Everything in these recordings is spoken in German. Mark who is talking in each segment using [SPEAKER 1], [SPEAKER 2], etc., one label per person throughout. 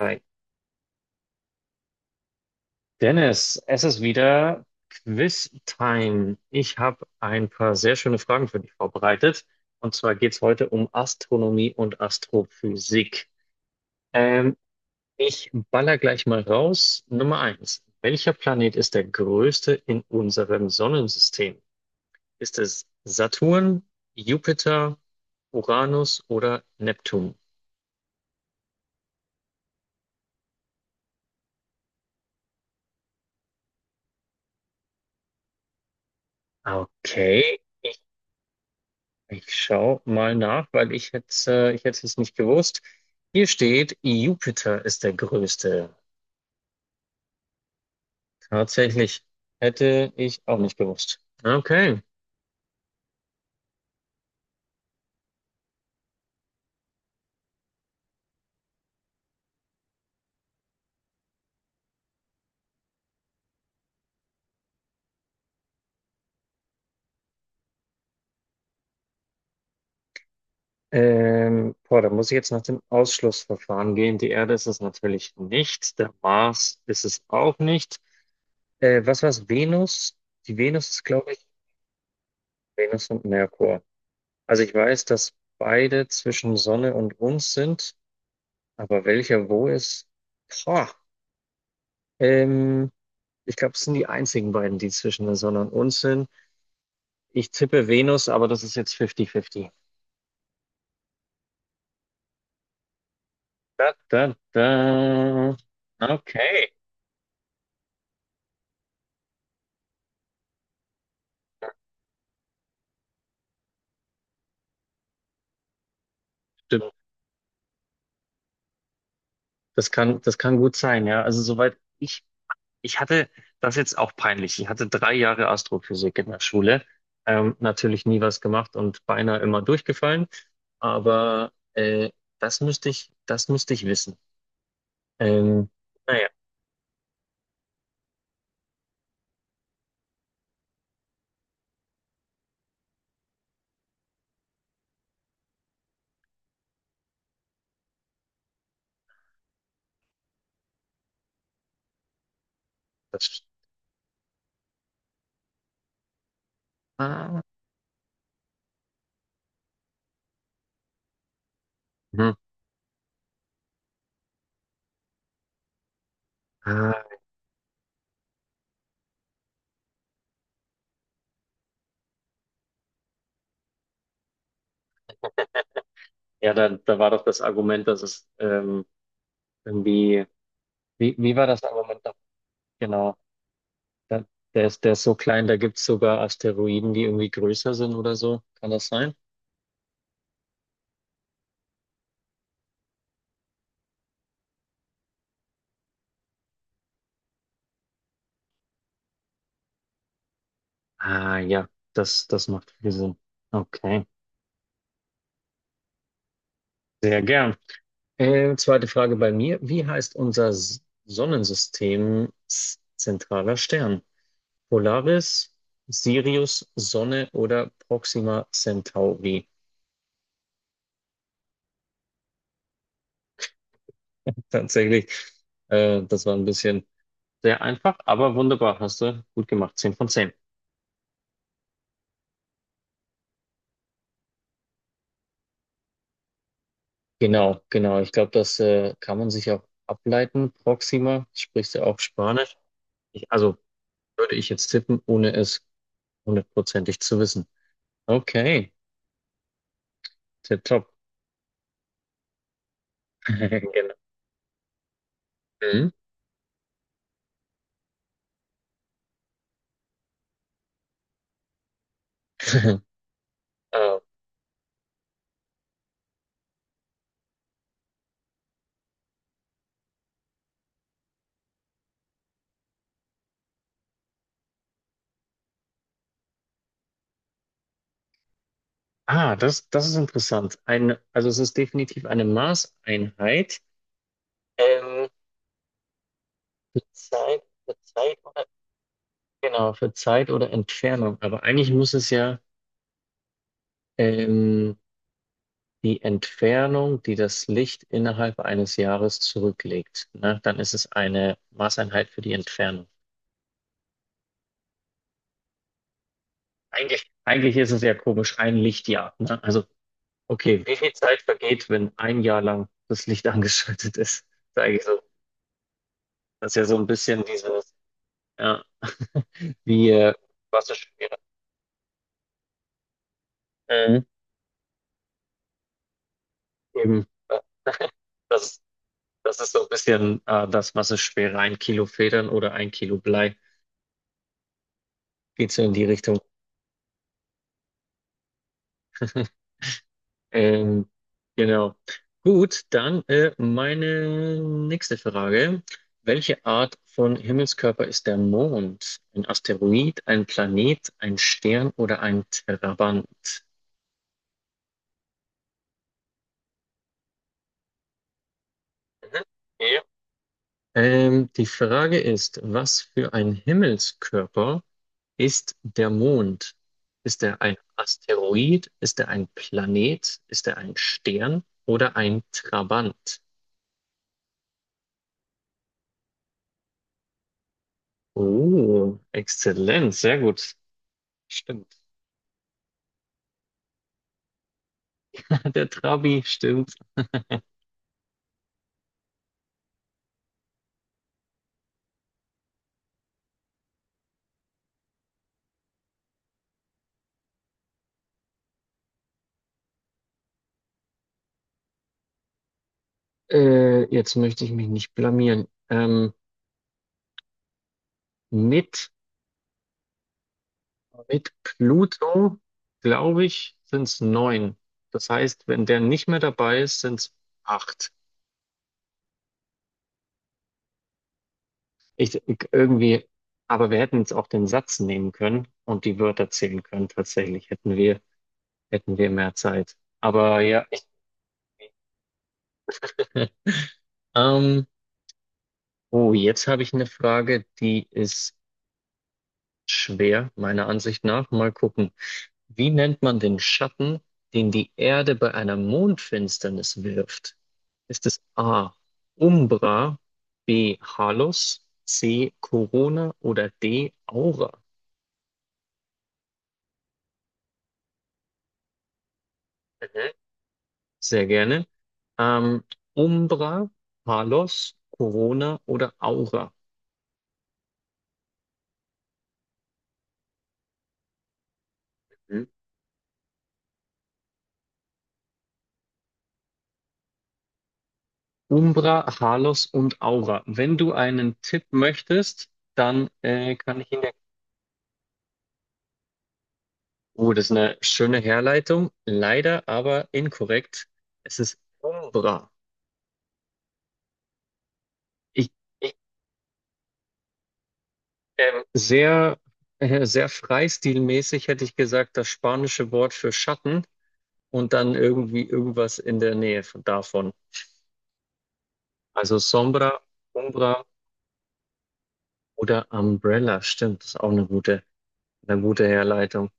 [SPEAKER 1] Hi. Dennis, es ist wieder Quiz-Time. Ich habe ein paar sehr schöne Fragen für dich vorbereitet. Und zwar geht es heute um Astronomie und Astrophysik. Ähm, Ich baller gleich mal raus. Nummer eins. Welcher Planet ist der größte in unserem Sonnensystem? Ist es Saturn, Jupiter, Uranus oder Neptun? Okay. Ich schaue mal nach, weil ich hätte es nicht gewusst. Hier steht, Jupiter ist der größte. Tatsächlich hätte ich auch nicht gewusst. Okay. Boah, da muss ich jetzt nach dem Ausschlussverfahren gehen. Die Erde ist es natürlich nicht. Der Mars ist es auch nicht. Was war's? Venus? Die Venus ist, glaube ich, Venus und Merkur. Also ich weiß, dass beide zwischen Sonne und uns sind, aber welcher wo ist? Boah. Ähm, Ich glaube, es sind die einzigen beiden, die zwischen der Sonne und uns sind. Ich tippe Venus, aber das ist jetzt 50-50. Da, da, da. Okay, stimmt. Das kann gut sein, ja. Also soweit ich, ich hatte das ist jetzt auch peinlich. Ich hatte drei Jahre Astrophysik in der Schule. Natürlich nie was gemacht und beinahe immer durchgefallen. Aber das müsste ich wissen. Ähm, naja, das. Ah, hm, ah. Ja, da, da war doch das Argument, dass es irgendwie, wie war das Argument noch? Genau, da, der ist so klein, da gibt's sogar Asteroiden, die irgendwie größer sind oder so. Kann das sein? Ah ja, das macht viel Sinn. Okay, sehr gern. Zweite Frage bei mir. Wie heißt unser S- Sonnensystem zentraler Stern? Polaris, Sirius, Sonne oder Proxima Centauri? Tatsächlich, das war ein bisschen. Sehr einfach, aber wunderbar. Hast du gut gemacht. Zehn von zehn. Genau, genau. Ich glaube, das kann man sich auch ableiten. Proxima, sprichst du auch Spanisch? Ich, also würde ich jetzt tippen, ohne es hundertprozentig zu wissen. Okay, tipptopp. Genau. Mhm. Äh, ah, das ist interessant. Also es ist definitiv eine Maßeinheit ähm, für Zeit, für Zeit oder, genau, für Zeit oder Entfernung. Aber eigentlich muss es ja ähm, die Entfernung, die das Licht innerhalb eines Jahres zurücklegt, ne? Dann ist es eine Maßeinheit für die Entfernung. Eigentlich ist es ja komisch, ein Lichtjahr, ne? Also, okay, wie viel Zeit vergeht, wenn ein Jahr lang das Licht angeschaltet ist? Das ist eigentlich so, das ist ja so ein bisschen dieses, ja, wie, äh, Massesphäre. Mhm. Eben, das ist, das ist so ein bisschen, das Massesphäre, ein Kilo Federn oder ein Kilo Blei. Geht so in die Richtung. Ähm, genau. Gut, dann meine nächste Frage. Welche Art von Himmelskörper ist der Mond? Ein Asteroid, ein Planet, ein Stern oder ein Trabant? Mhm. Ja. Die Frage ist, was für ein Himmelskörper ist der Mond? Ist er ein Asteroid? Ist er ein Planet? Ist er ein Stern oder ein Trabant? Oh, exzellent, sehr gut. Stimmt. Der Trabi, stimmt. Jetzt möchte ich mich nicht blamieren. Mit, mit Pluto, glaube ich, sind es neun. Das heißt, wenn der nicht mehr dabei ist, sind es acht. Ich, ich irgendwie, aber wir hätten jetzt auch den Satz nehmen können und die Wörter zählen können. Hätten wir mehr Zeit. Aber ja, ähm, oh, jetzt habe ich eine Frage, die ist schwer, meiner Ansicht nach. Mal gucken. Wie nennt man den Schatten, den die Erde bei einer Mondfinsternis wirft? Ist es A. Umbra, B. Halus, C. Corona oder D. Aura? Mhm. Sehr gerne. Ähm, Umbra, Halos, Corona oder Aura? Mhm. Umbra, Halos und Aura. Wenn du einen Tipp möchtest, dann kann ich ihn dir Oh, das ist eine schöne Herleitung. Leider aber inkorrekt. Es ist Umbra. Ich, ich ähm, sehr, sehr freistilmäßig hätte ich gesagt, das spanische Wort für Schatten und dann irgendwie irgendwas in der Nähe von, davon. Also Sombra, Umbra oder Umbrella. Stimmt, das ist auch eine gute Herleitung.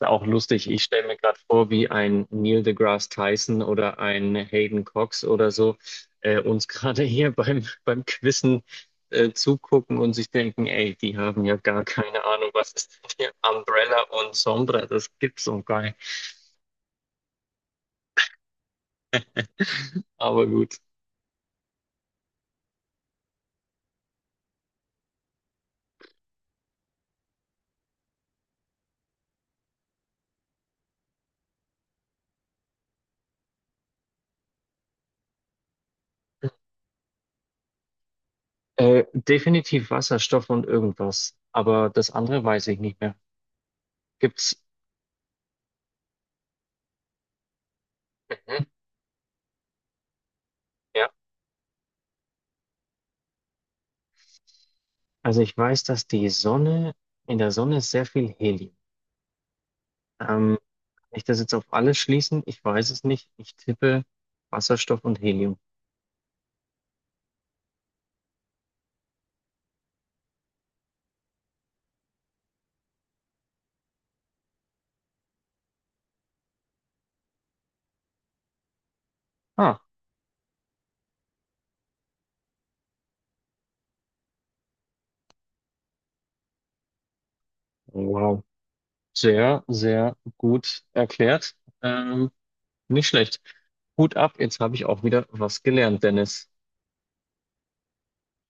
[SPEAKER 1] Ist auch lustig. Ich stelle mir gerade vor, wie ein Neil deGrasse Tyson oder ein Hayden Cox oder so uns gerade hier beim Quizzen zugucken und sich denken, ey, die haben ja gar keine Ahnung, was ist denn hier Umbrella und Sombra, das gibt's so geil. Aber gut. Definitiv Wasserstoff und irgendwas. Aber das andere weiß ich nicht mehr. Gibt's? Mhm, ja. Also ich weiß, in der Sonne ist sehr viel Helium. Ähm, Kann ich das jetzt auf alles schließen? Ich weiß es nicht. Ich tippe Wasserstoff und Helium. Ah, wow. Sehr, sehr gut erklärt. Ähm, nicht schlecht. Hut ab, jetzt habe ich auch wieder was gelernt, Dennis.